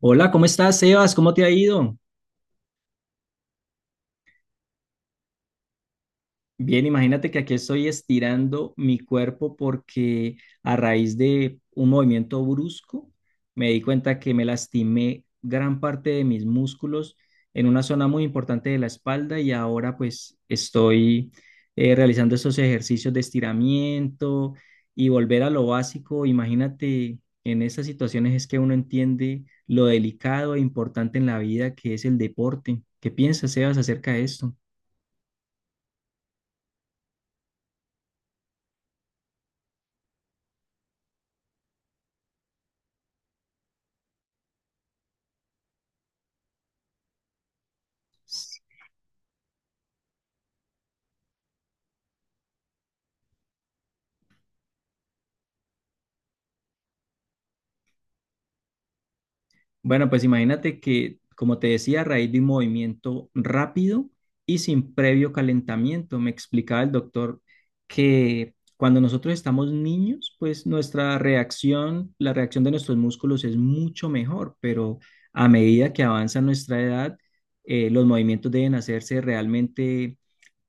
Hola, ¿cómo estás, Sebas? ¿Cómo te ha ido? Bien, imagínate que aquí estoy estirando mi cuerpo porque a raíz de un movimiento brusco me di cuenta que me lastimé gran parte de mis músculos en una zona muy importante de la espalda y ahora pues estoy realizando esos ejercicios de estiramiento y volver a lo básico. Imagínate, en esas situaciones es que uno entiende lo delicado e importante en la vida que es el deporte. ¿Qué piensas, Sebas, acerca de esto? Bueno, pues imagínate que, como te decía, a raíz de un movimiento rápido y sin previo calentamiento, me explicaba el doctor que cuando nosotros estamos niños, pues nuestra reacción, la reacción de nuestros músculos es mucho mejor, pero a medida que avanza nuestra edad, los movimientos deben hacerse realmente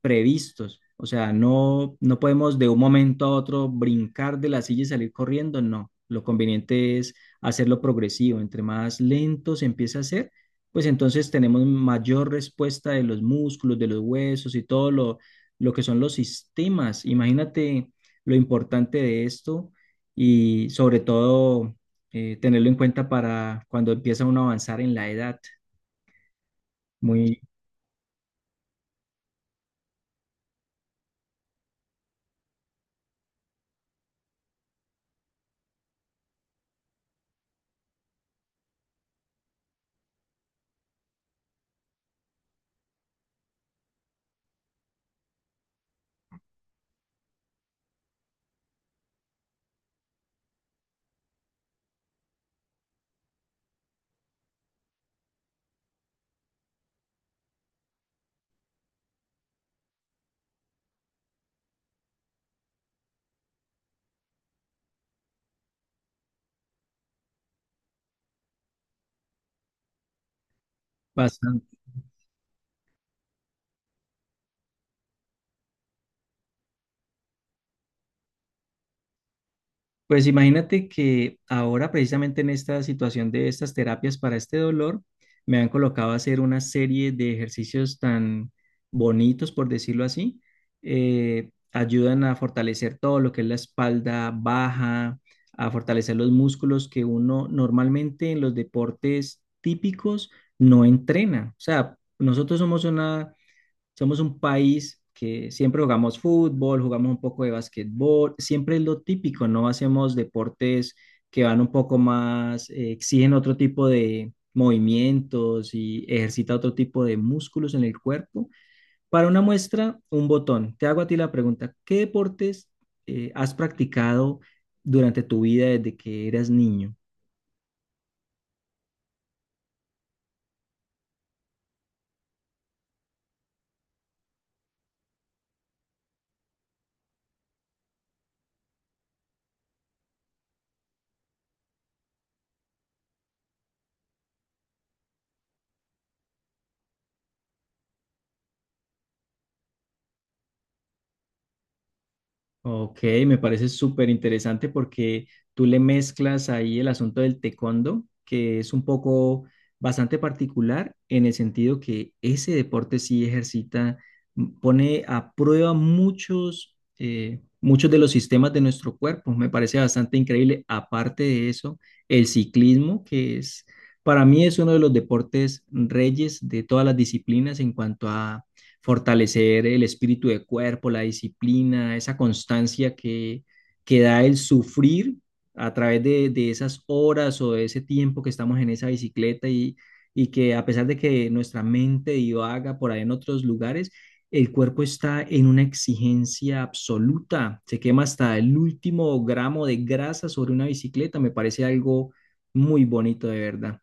previstos. O sea, no, no podemos de un momento a otro brincar de la silla y salir corriendo, no. Lo conveniente es hacerlo progresivo. Entre más lento se empieza a hacer, pues entonces tenemos mayor respuesta de los músculos, de los huesos y todo lo que son los sistemas. Imagínate lo importante de esto y sobre todo tenerlo en cuenta para cuando empieza uno a avanzar en la edad. Muy bastante. Pues imagínate que ahora precisamente en esta situación de estas terapias para este dolor, me han colocado a hacer una serie de ejercicios tan bonitos, por decirlo así. Ayudan a fortalecer todo lo que es la espalda baja, a fortalecer los músculos que uno normalmente en los deportes típicos no entrena. O sea, nosotros somos una somos un país que siempre jugamos fútbol, jugamos un poco de basquetbol, siempre es lo típico, no hacemos deportes que van un poco más, exigen otro tipo de movimientos y ejercita otro tipo de músculos en el cuerpo. Para una muestra, un botón. Te hago a ti la pregunta, ¿qué deportes has practicado durante tu vida desde que eras niño? Ok, me parece súper interesante porque tú le mezclas ahí el asunto del taekwondo, que es un poco bastante particular en el sentido que ese deporte sí ejercita, pone a prueba muchos, muchos de los sistemas de nuestro cuerpo. Me parece bastante increíble. Aparte de eso, el ciclismo, que es, para mí es uno de los deportes reyes de todas las disciplinas en cuanto a fortalecer el espíritu de cuerpo, la disciplina, esa constancia que da el sufrir a través de esas horas o de ese tiempo que estamos en esa bicicleta y que a pesar de que nuestra mente divaga por ahí en otros lugares, el cuerpo está en una exigencia absoluta, se quema hasta el último gramo de grasa sobre una bicicleta, me parece algo muy bonito de verdad.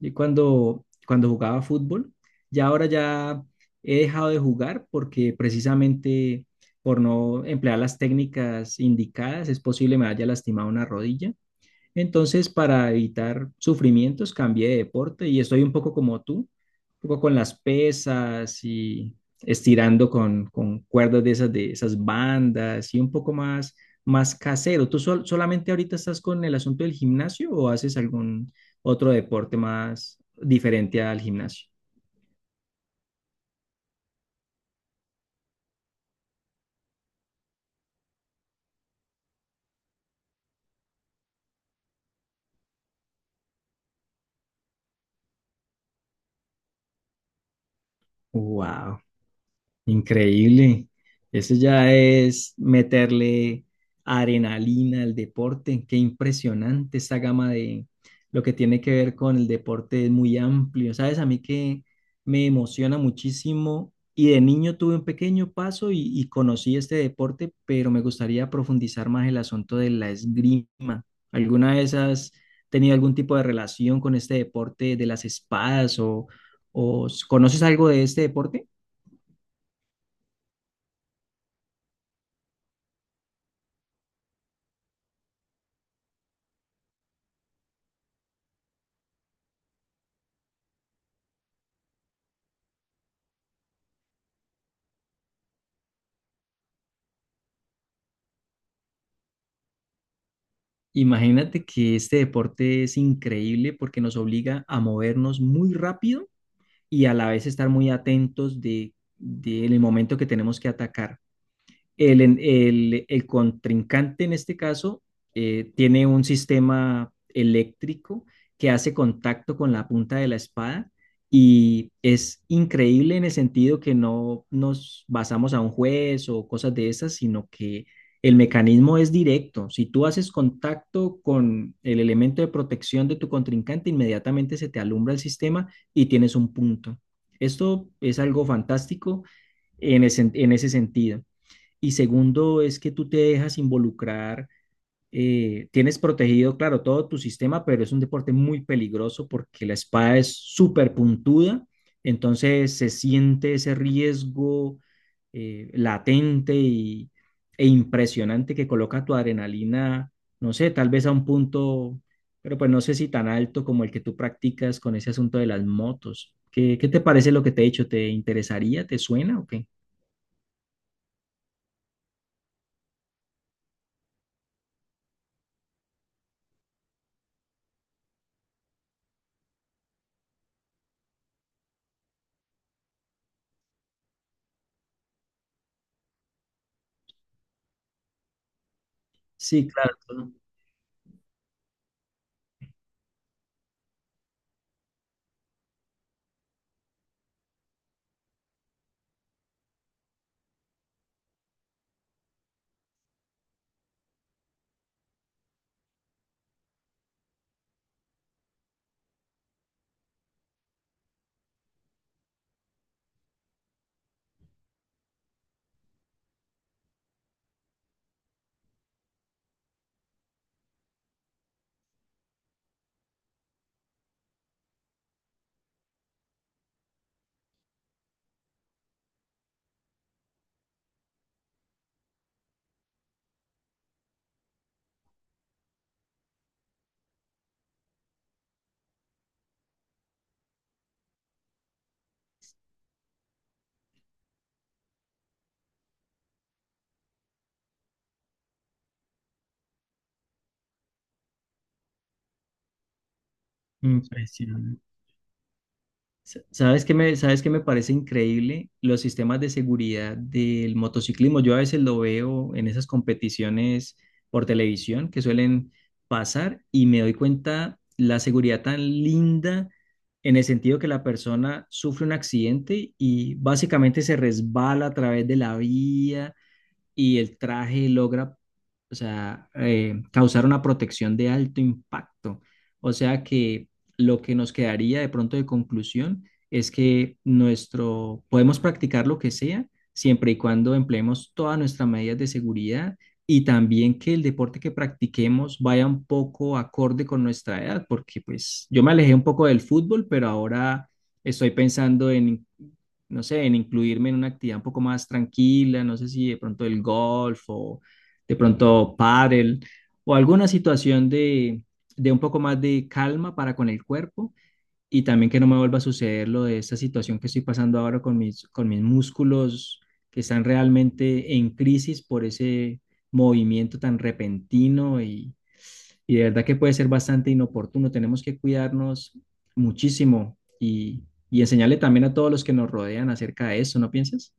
Y cuando jugaba fútbol, ya ahora ya he dejado de jugar porque precisamente por no emplear las técnicas indicadas es posible me haya lastimado una rodilla entonces, para evitar sufrimientos, cambié de deporte y estoy un poco como tú, un poco con las pesas y estirando con cuerdas de esas bandas y un poco más casero. ¿Tú solamente ahorita estás con el asunto del gimnasio o haces algún otro deporte más diferente al gimnasio? Wow. Increíble. Eso ya es meterle adrenalina al deporte. Qué impresionante esta gama de lo que tiene que ver con el deporte es muy amplio. Sabes, a mí que me emociona muchísimo y de niño tuve un pequeño paso y conocí este deporte, pero me gustaría profundizar más el asunto de la esgrima. ¿Alguna vez has tenido algún tipo de relación con este deporte de las espadas o conoces algo de este deporte? Imagínate que este deporte es increíble porque nos obliga a movernos muy rápido y a la vez estar muy atentos de en el momento que tenemos que atacar el contrincante en este caso tiene un sistema eléctrico que hace contacto con la punta de la espada y es increíble en el sentido que no nos basamos a un juez o cosas de esas, sino que el mecanismo es directo. Si tú haces contacto con el elemento de protección de tu contrincante, inmediatamente se te alumbra el sistema y tienes un punto. Esto es algo fantástico en en ese sentido. Y segundo, es que tú te dejas involucrar, tienes protegido, claro, todo tu sistema, pero es un deporte muy peligroso porque la espada es súper puntuda, entonces se siente ese riesgo latente y, e impresionante que coloca tu adrenalina, no sé, tal vez a un punto, pero pues no sé si tan alto como el que tú practicas con ese asunto de las motos. Qué te parece lo que te he dicho? ¿Te interesaría? ¿Te suena o qué? Sí, claro. Impresionante. ¿Sabes qué sabes qué me parece increíble? Los sistemas de seguridad del motociclismo. Yo a veces lo veo en esas competiciones por televisión que suelen pasar y me doy cuenta la seguridad tan linda en el sentido que la persona sufre un accidente y básicamente se resbala a través de la vía y el traje logra, o sea, causar una protección de alto impacto. O sea que lo que nos quedaría de pronto de conclusión es que nuestro, podemos practicar lo que sea siempre y cuando empleemos todas nuestras medidas de seguridad y también que el deporte que practiquemos vaya un poco acorde con nuestra edad, porque pues yo me alejé un poco del fútbol, pero ahora estoy pensando en no sé, en incluirme en una actividad un poco más tranquila, no sé si de pronto el golf o de pronto pádel o alguna situación de un poco más de calma para con el cuerpo y también que no me vuelva a suceder lo de esta situación que estoy pasando ahora con con mis músculos que están realmente en crisis por ese movimiento tan repentino y de verdad que puede ser bastante inoportuno. Tenemos que cuidarnos muchísimo y enseñarle también a todos los que nos rodean acerca de eso, ¿no piensas?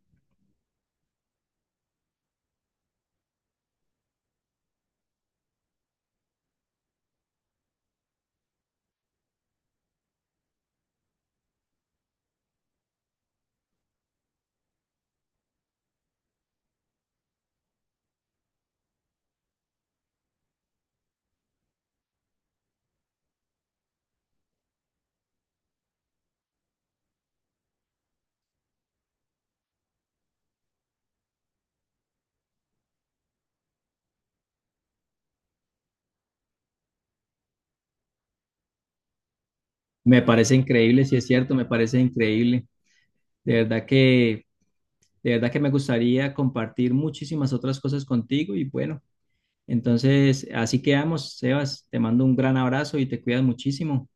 Me parece increíble, si es cierto, me parece increíble. De verdad de verdad que me gustaría compartir muchísimas otras cosas contigo y bueno, entonces así quedamos, Sebas. Te mando un gran abrazo y te cuidas muchísimo.